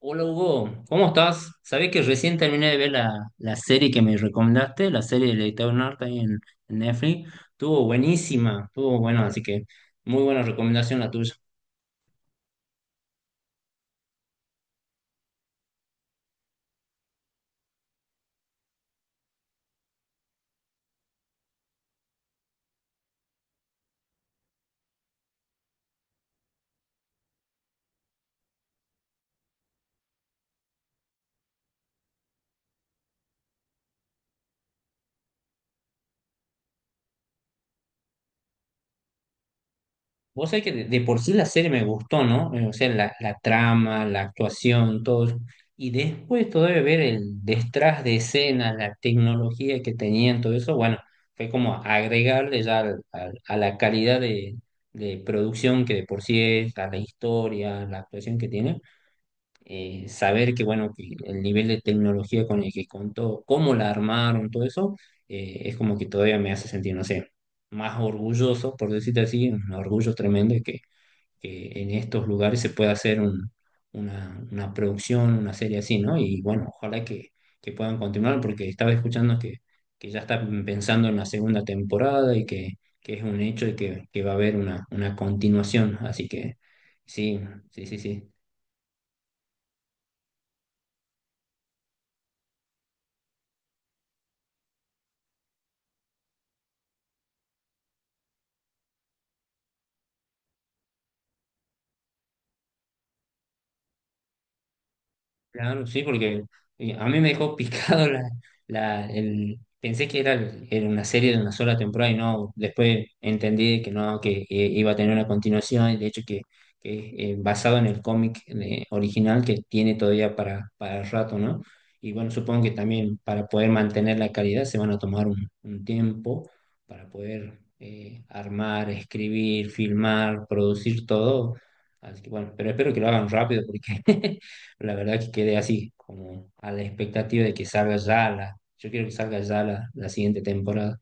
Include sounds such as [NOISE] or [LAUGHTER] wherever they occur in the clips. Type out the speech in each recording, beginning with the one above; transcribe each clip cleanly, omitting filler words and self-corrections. Hola Hugo, ¿cómo estás? Sabés que recién terminé de ver la serie que me recomendaste, la serie del Eternauta ahí en Netflix. Estuvo buenísima, estuvo bueno, así que muy buena recomendación la tuya. Vos sabés que de por sí la serie me gustó, ¿no? O sea, la trama, la actuación, todo eso. Y después todavía ver el detrás de escena, la tecnología que tenían, todo eso, bueno, fue como agregarle ya a la calidad de producción que de por sí es, a la historia, la actuación que tiene, saber que, bueno, que el nivel de tecnología con el que contó, cómo la armaron, todo eso, es como que todavía me hace sentir, no sé, más orgulloso, por decirte así, un orgullo tremendo que en estos lugares se pueda hacer una producción, una serie así, ¿no? Y bueno, ojalá que puedan continuar porque estaba escuchando que ya están pensando en la segunda temporada y que es un hecho y que va a haber una continuación. Así que sí, sí, sí, sí. Claro, sí, porque a mí me dejó [LAUGHS] picado pensé que era una serie de una sola temporada y no, después entendí que no, que iba a tener una continuación y de hecho que basado en el cómic original que tiene todavía para rato, ¿no? Y bueno, supongo que también para poder mantener la calidad se van a tomar un tiempo para poder armar, escribir, filmar, producir todo. Así que bueno, pero espero que lo hagan rápido porque [LAUGHS] la verdad que quedé así, como a la expectativa de que salga ya yo quiero que salga ya la siguiente temporada.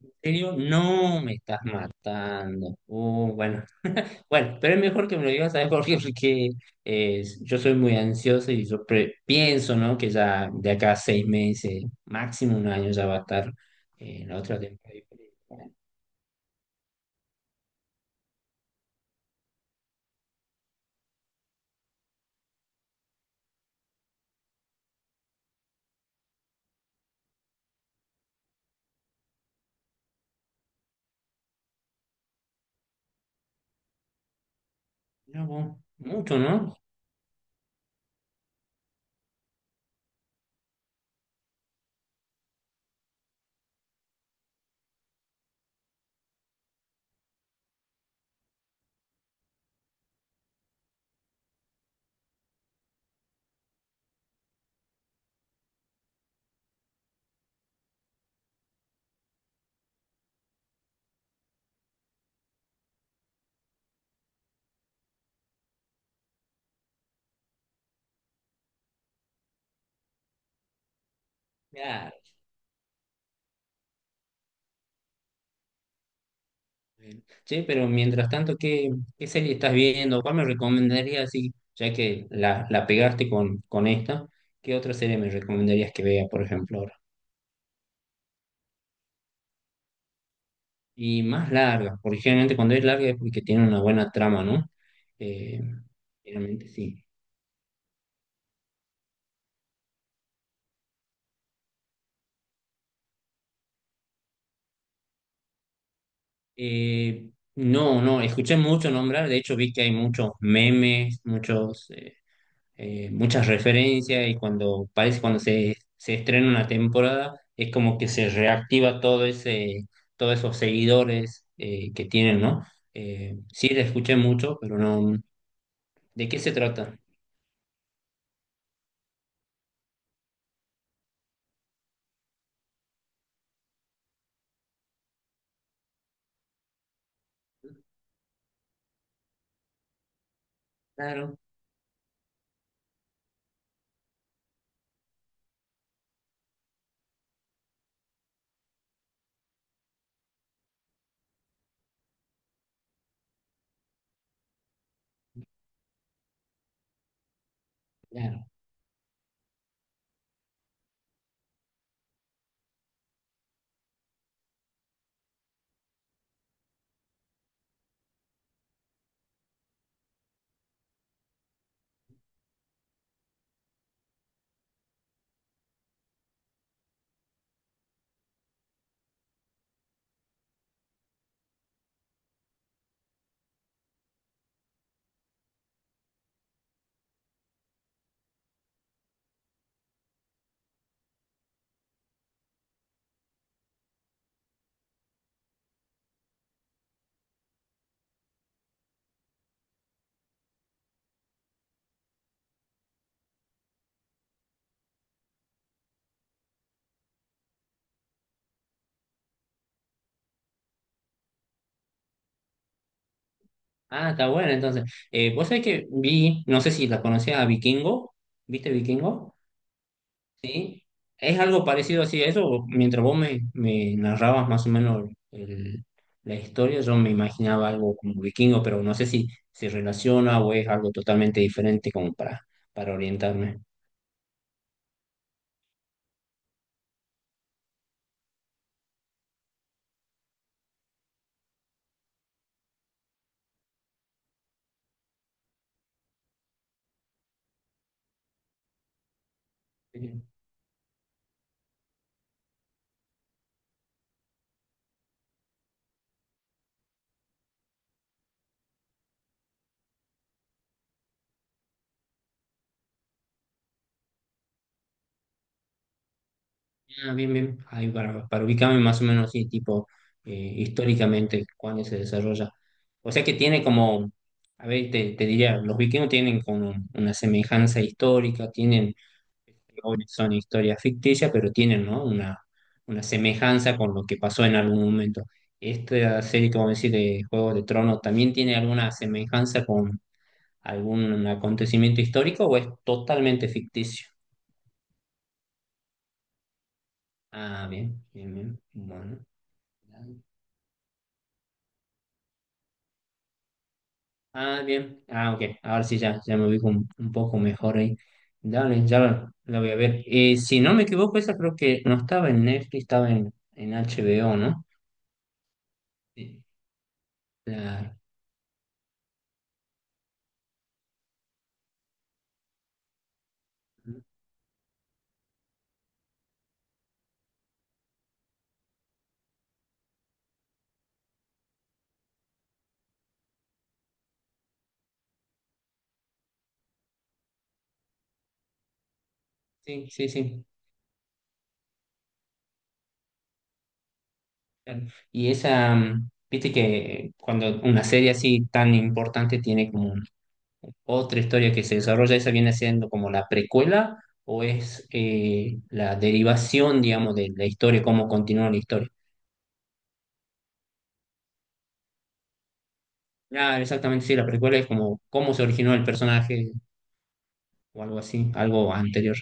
En serio, no me estás matando. Bueno, bueno, pero es mejor que me lo digas, ¿sabes por qué? [LAUGHS] Porque yo soy muy ansioso y yo pienso, ¿no? Que ya de acá a seis meses, máximo un año, ya va a estar la otra temporada. Mira vos, mucho, ¿no? Ya, bien. Che, pero mientras tanto, ¿qué, qué serie estás viendo? ¿Cuál me recomendarías? Sí, ya que la pegaste con esta, ¿qué otra serie me recomendarías que vea, por ejemplo, ahora? Y más larga, porque generalmente cuando es larga es porque tiene una buena trama, ¿no? Eh, generalmente sí. Eh, no, no, escuché mucho nombrar, de hecho vi que hay muchos memes, muchos, muchas referencias y cuando parece cuando se estrena una temporada es como que se reactiva todo todos esos seguidores que tienen, ¿no? Sí, la escuché mucho, pero no. ¿De qué se trata? Claro, claro. Ah, está bueno, entonces. Vos sabés que vi, no sé si la conocías a Vikingo, ¿viste Vikingo? Es algo parecido así a eso. Mientras vos me, me narrabas más o menos la historia, yo me imaginaba algo como vikingo, pero no sé si se relaciona o es algo totalmente diferente como para orientarme. Eh, ah, bien, bien. Ahí para ubicarme más o menos así, tipo, históricamente, cuándo se desarrolla. O sea que tiene como, a ver, te diría, los vikingos tienen como una semejanza histórica, tienen, obvio, son historias ficticias, pero tienen, ¿no?, una semejanza con lo que pasó en algún momento. ¿Esta serie como decir de Juegos de Tronos también tiene alguna semejanza con algún acontecimiento histórico o es totalmente ficticio? Ah, bien, bien, bien. Bueno. Ah, bien. Ah, ok. Ahora sí ya, ya me ubico un poco mejor ahí. Dale, ya la voy a ver. Si no me equivoco, esa creo que no estaba en Netflix, estaba en HBO, ¿no? Sí. Claro. Sí, sí, sí, claro. Y esa, mm, viste que cuando una serie así tan importante tiene como otra historia que se desarrolla, ¿esa viene siendo como la precuela o es la derivación, digamos, de la historia, cómo continúa la historia? Ah, exactamente, sí, la precuela es como cómo se originó el personaje o algo así, algo anterior.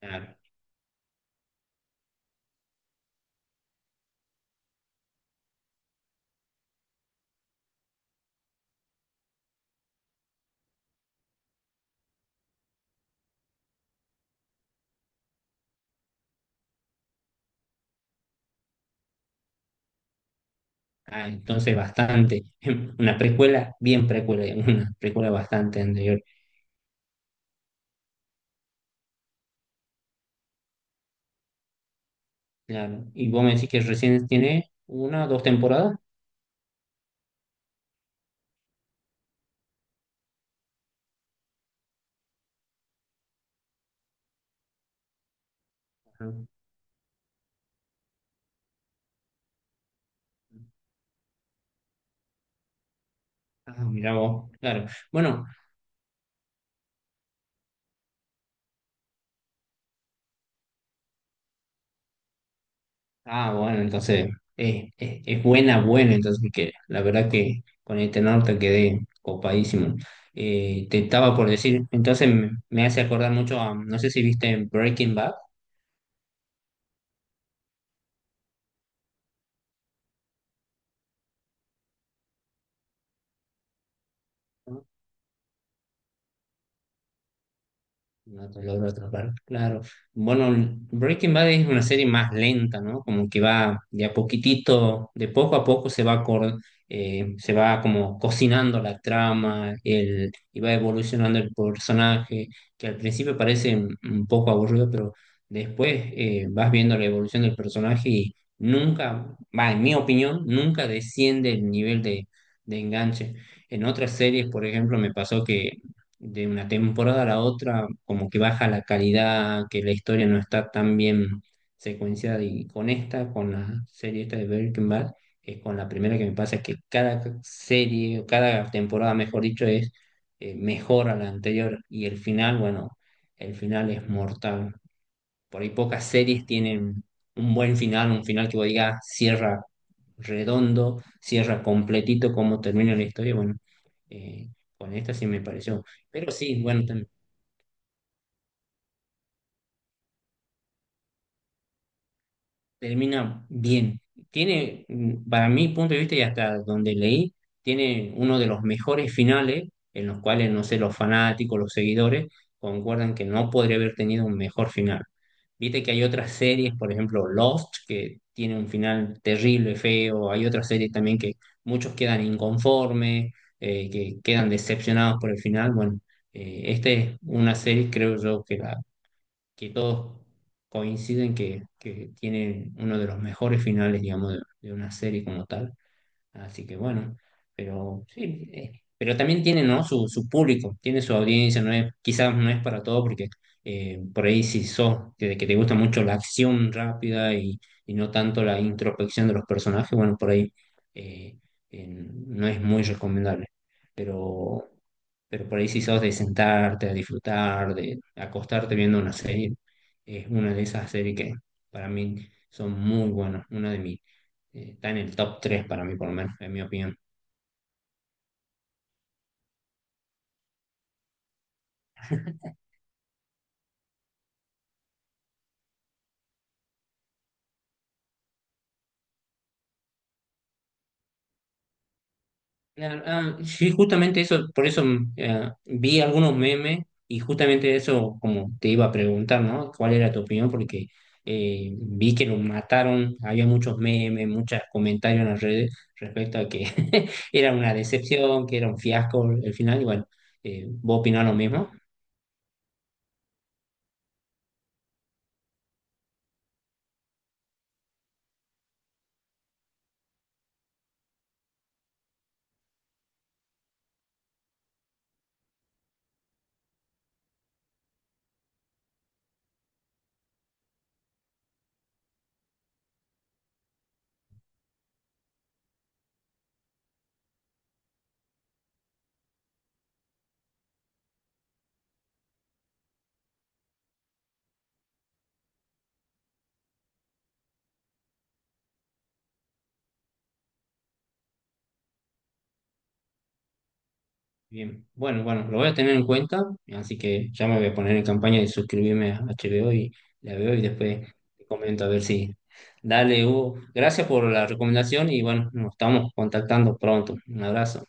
Claro. Ah, entonces bastante, [LAUGHS] una precuela, bien precuela, [LAUGHS] digamos, una precuela bastante anterior. Claro. Y vos me decís que recién tiene una, dos temporadas. Ah, ah, mirá vos, claro. Bueno, ah, bueno, entonces es buena, buena, entonces, que la verdad que con este norte quedé copadísimo. Te estaba por decir, entonces me hace acordar mucho a, no sé si viste Breaking Bad. ¿No? No, te logro atrapar, claro. Bueno, Breaking Bad es una serie más lenta, ¿no? Como que va de a poquitito, de poco a poco se va, se va como cocinando la trama, y va evolucionando el personaje, que al principio parece un poco aburrido, pero después vas viendo la evolución del personaje y nunca, va, en mi opinión, nunca desciende el nivel de enganche. En otras series, por ejemplo, me pasó que de una temporada a la otra, como que baja la calidad, que la historia no está tan bien secuenciada. Y con esta, con la serie esta de Breaking Bad, es con la primera que me pasa que cada serie, o cada temporada, mejor dicho, es mejor a la anterior. Y el final, bueno, el final es mortal. Por ahí pocas series tienen un buen final, un final que vos digas cierra redondo, cierra completito cómo termina la historia. Bueno, eh, con esta sí me pareció. Pero sí, bueno, termina bien. Tiene, mm, para mi punto de vista y hasta donde leí, tiene uno de los mejores finales en los cuales, no sé, los fanáticos, los seguidores concuerdan que no podría haber tenido un mejor final. Viste que hay otras series, por ejemplo, Lost, que tiene un final terrible, feo. Hay otras series también que muchos quedan inconformes, que quedan decepcionados por el final. Bueno, esta es una serie, creo yo, que todos coinciden que tiene uno de los mejores finales, digamos, de una serie como tal. Así que bueno, pero sí, pero también tiene, ¿no?, su público, tiene su audiencia, no es, quizás no es para todo, porque por ahí si sos, que te gusta mucho la acción rápida y no tanto la introspección de los personajes, bueno, por ahí eh, no es muy recomendable. Pero, pero por ahí si sos de sentarte, a disfrutar, de acostarte viendo una serie, es una de esas series que para mí son muy buenas, una de mis está en el top 3 para mí, por lo menos, en mi opinión. Ah, ah, sí, justamente eso, por eso mm, vi algunos memes y justamente eso, como te iba a preguntar, ¿no? ¿Cuál era tu opinión? Porque vi que lo mataron, había muchos memes, muchos comentarios en las redes respecto a que [LAUGHS] era una decepción, que era un fiasco el final, y bueno, ¿vos opinás lo mismo? Bien, bueno, bueno, lo voy a tener en cuenta, así que ya me voy a poner en campaña de suscribirme a HBO y la veo y después te comento a ver si. Dale, Hugo, gracias por la recomendación y bueno, nos estamos contactando pronto. Un abrazo.